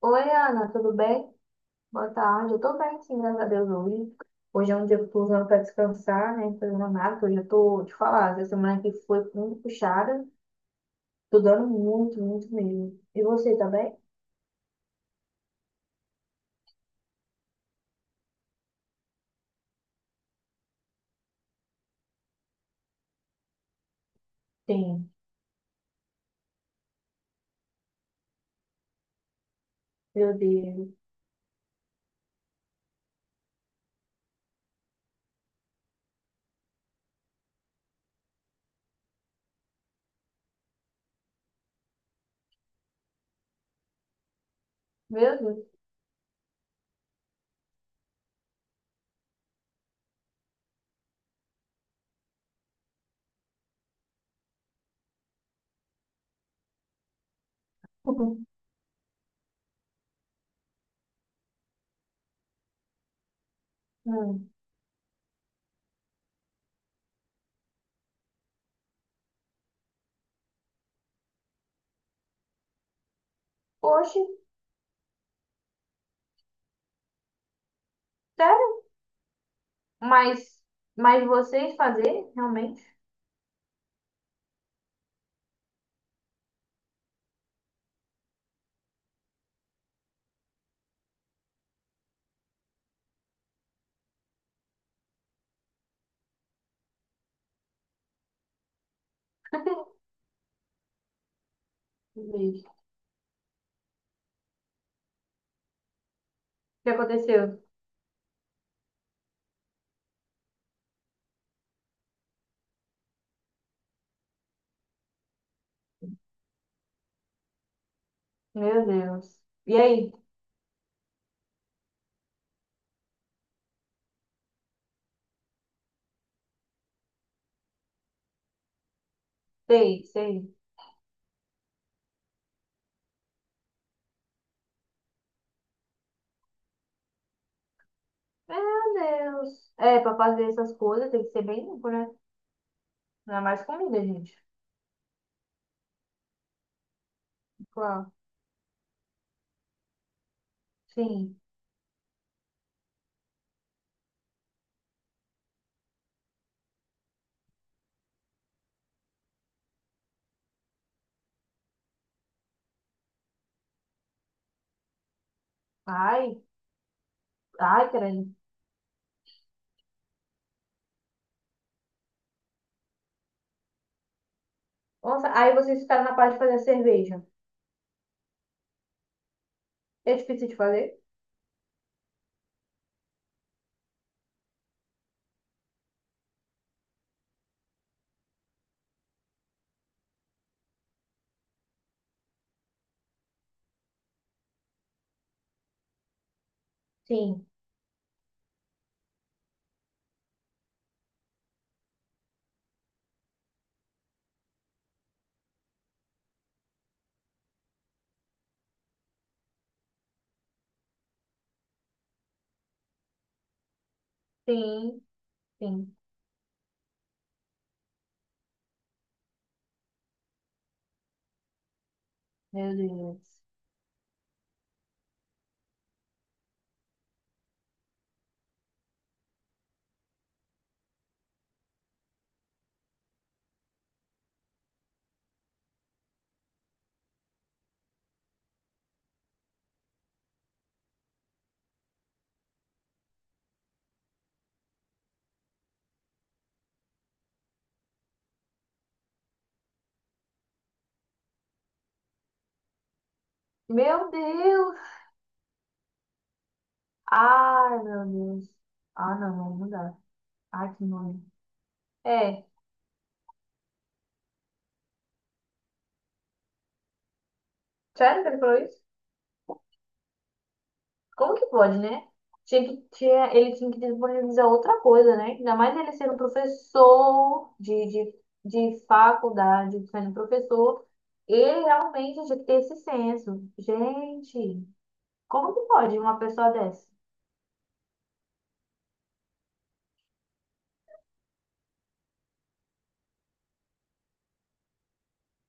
Oi, Ana, tudo bem? Boa tarde. Eu tô bem, sim, graças a Deus hoje. Hoje é um dia que eu tô usando pra descansar, né? Não tô Fazendo nada, que hoje eu tô, te falar, essa semana que foi muito puxada. Tô dando muito, muito mesmo. E você tá bem? Sim. Meu Deus. Meu Deus. Hum. Poxa, sério? Mas, mas vocês fazer, realmente? Meu Deus. O que aconteceu? Meu Deus. E aí? Sei, sei. Meu Deus. É, pra fazer essas coisas tem que ser bem limpo, né? Não é mais comida, gente. Claro. Sim. Ai, ai, credo. Nossa, aí vocês ficaram na parte de fazer a cerveja. É difícil de fazer? Sim, sim, sim. Meu Deus. Meu Deus. Ai, meu Deus. Ah, não, não, não dá. Ai, que nome. É. Sério que ele falou isso? Como que pode, né? Ele tinha que disponibilizar outra coisa, né? Ainda mais ele sendo professor de, de faculdade, sendo professor, ele realmente tinha que ter esse senso. Gente, como que pode uma pessoa dessa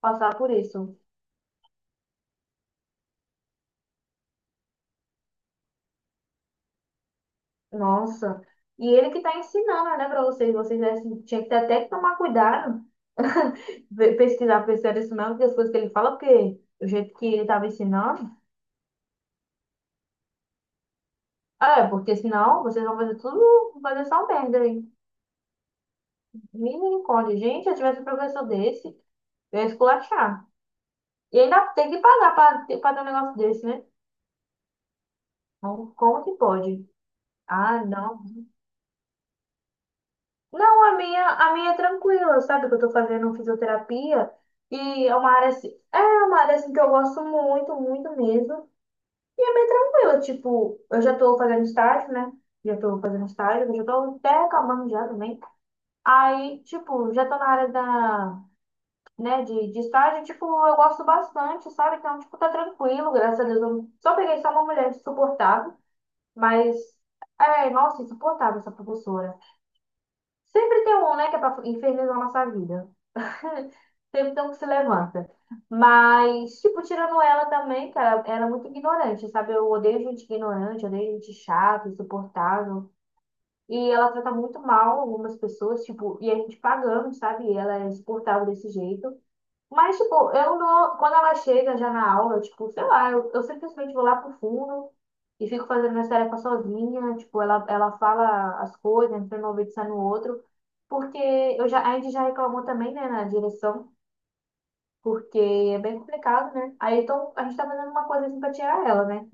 passar por isso? Nossa. E ele que tá ensinando, né, pra vocês. Vocês assim, tinha que ter até que tomar cuidado, pesquisar, pesquisar isso mesmo, que as coisas que ele fala, porque o jeito que ele tava ensinando. É, porque senão vocês vão fazer tudo, fazer só merda aí. Misericórdia. Gente, se eu tivesse um professor desse, eu ia esculachar. E ainda tem que pagar pra, pra ter um negócio desse, né? Então, Como que pode? Ah, não. Não, a minha é tranquila, sabe? Que eu tô fazendo fisioterapia e é uma área assim, é uma área assim que eu gosto muito, muito mesmo. E é bem tranquila, tipo, eu já tô fazendo estágio, né? Já tô fazendo estágio, eu já tô até acabando já também. Aí, tipo, já tô na área da né, de estágio, tipo, eu gosto bastante, sabe? Então, tipo, tá tranquilo, graças a Deus. Eu só peguei só uma mulher insuportável, mas, é, nossa, insuportável essa professora. Sempre tem um, né, que é pra infernizar a nossa vida. Sempre tem um que se levanta. Mas, tipo, tirando ela também, cara, ela é muito ignorante, sabe? Eu odeio gente ignorante, odeio gente chata, insuportável. E ela trata muito mal algumas pessoas, tipo, e a gente pagando, sabe? E ela é insuportável desse jeito. Mas, tipo, eu não. Quando ela chega já na aula, tipo, sei lá, eu simplesmente vou lá pro fundo e fico fazendo minhas tarefas sozinha. Tipo, ela fala as coisas, entra no ouvido e sai no outro. Porque eu já, a gente já reclamou também, né, na direção, porque é bem complicado, né? Aí então a gente tá fazendo uma coisa assim pra tirar ela, né?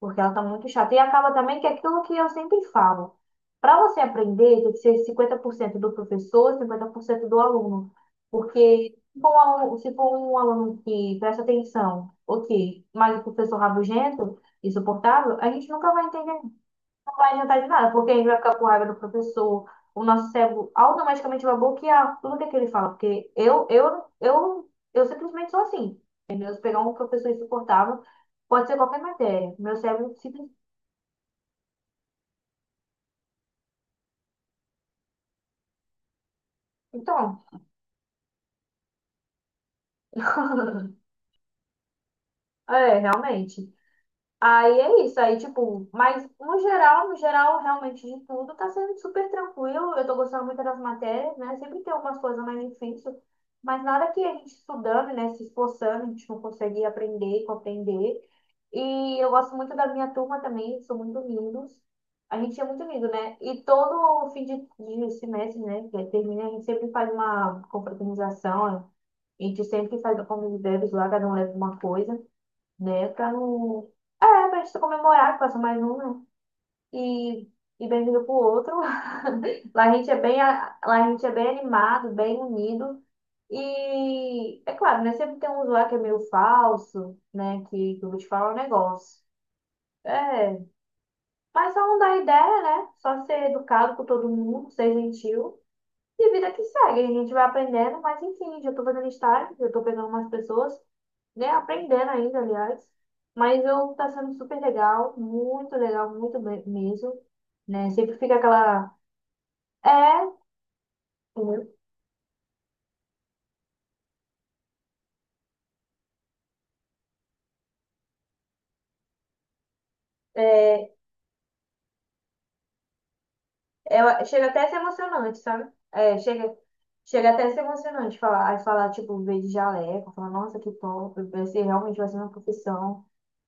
Porque ela tá muito chata. E acaba também que é aquilo que eu sempre falo. Para você aprender, tem que ser 50% do professor, e 50% do aluno. Porque se for um aluno, se for um aluno que presta atenção, ok, mas o professor rabugento, insuportável, a gente nunca vai entender não vai adiantar de nada, porque a gente vai ficar com raiva do professor, o nosso cérebro automaticamente vai bloquear tudo que ele fala, porque eu simplesmente sou assim, entendeu? Se pegar um professor insuportável, pode ser qualquer matéria, meu cérebro simplesmente... Então, é, realmente. Aí é isso, aí tipo, mas no geral, no geral, realmente de tudo, tá sendo super tranquilo. Eu tô gostando muito das matérias, né? Sempre tem algumas coisas mais difíceis, mas nada que a gente estudando, né, se esforçando, a gente não consegue aprender, compreender. E eu gosto muito da minha turma também, são muito lindos. A gente é muito lindo, né? E todo fim de semestre, né, que termina, a gente sempre faz uma confraternização, a gente sempre faz uma common lá, cada um leva uma coisa né? Pra não. É, pra gente comemorar que passou mais um, né? E, e bem-vindo pro outro. Lá a gente é bem, lá a gente é bem animado, bem unido. E é claro, né? Sempre tem um lá que é meio falso, né? Que eu vou te falar um negócio. É, mas só não dá ideia, né? Só ser educado com todo mundo, ser gentil. E vida que segue, a gente vai aprendendo, mas enfim, já tô fazendo estágio, já tô pegando umas pessoas né, aprendendo ainda, aliás. Mas eu tá sendo super legal, muito bem mesmo, né? Sempre fica aquela é, entendeu? é, chega até a ser emocionante, sabe? É, chega até a ser emocionante falar, aí falar tipo, ver de jaleco, falar, nossa, que top, vai ser realmente vai ser uma profissão.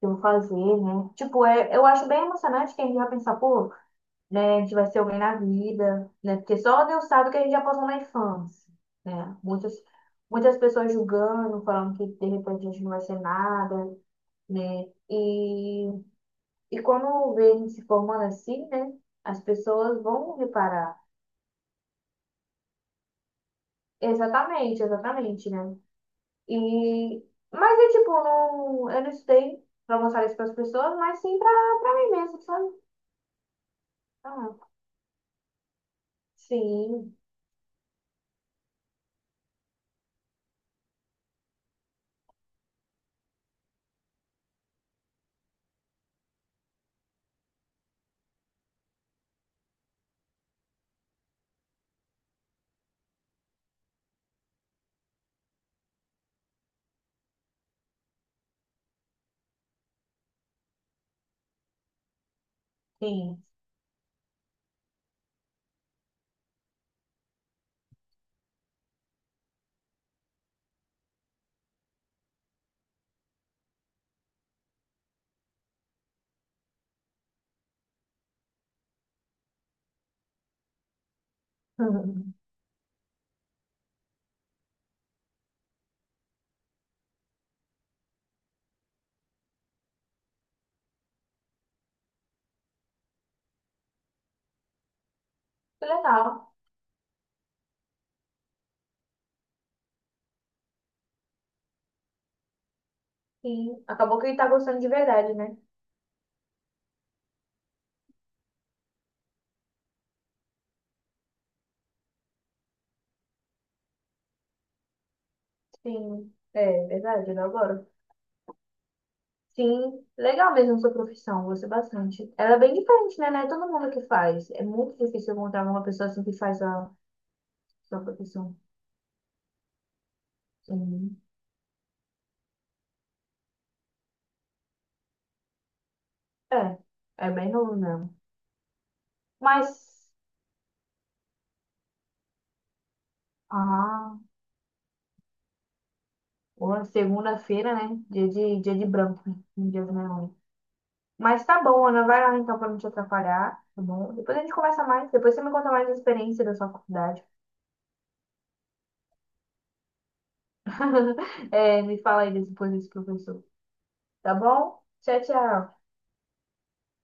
Que eu vou fazer, né? Tipo, é, eu acho bem emocionante que a gente vai pensar, pô, né, a gente vai ser alguém na vida, né? Porque só Deus sabe o que a gente já passou na infância, né? Muitas, muitas pessoas julgando, falando que de repente a gente não vai ser nada, né? E quando vê a gente se formando assim, né? As pessoas vão reparar. Exatamente, exatamente, né? E, mas é tipo, não, eu não estudei pra mostrar isso para as pessoas, mas sim pra, pra mim mesmo, sabe? Ah, Sim, sim. Uhum. Que legal. Sim. Acabou que ele tá gostando de verdade, né? Sim. É, verdade, ele agora. Sim, legal mesmo sua profissão, gostei bastante. Ela é bem diferente, né? Não é todo mundo que faz. É muito difícil encontrar uma pessoa assim que faz a sua profissão. Sim. É, é bem novo mesmo. Mas, ah, boa, segunda-feira, né? Dia de branco, né? Dia de branco. Mas tá bom, Ana, vai lá então pra não te atrapalhar, tá bom? Depois a gente conversa mais, depois você me conta mais a experiência da sua faculdade. É, me fala aí depois desse professor, tá bom? Tchau, tchau.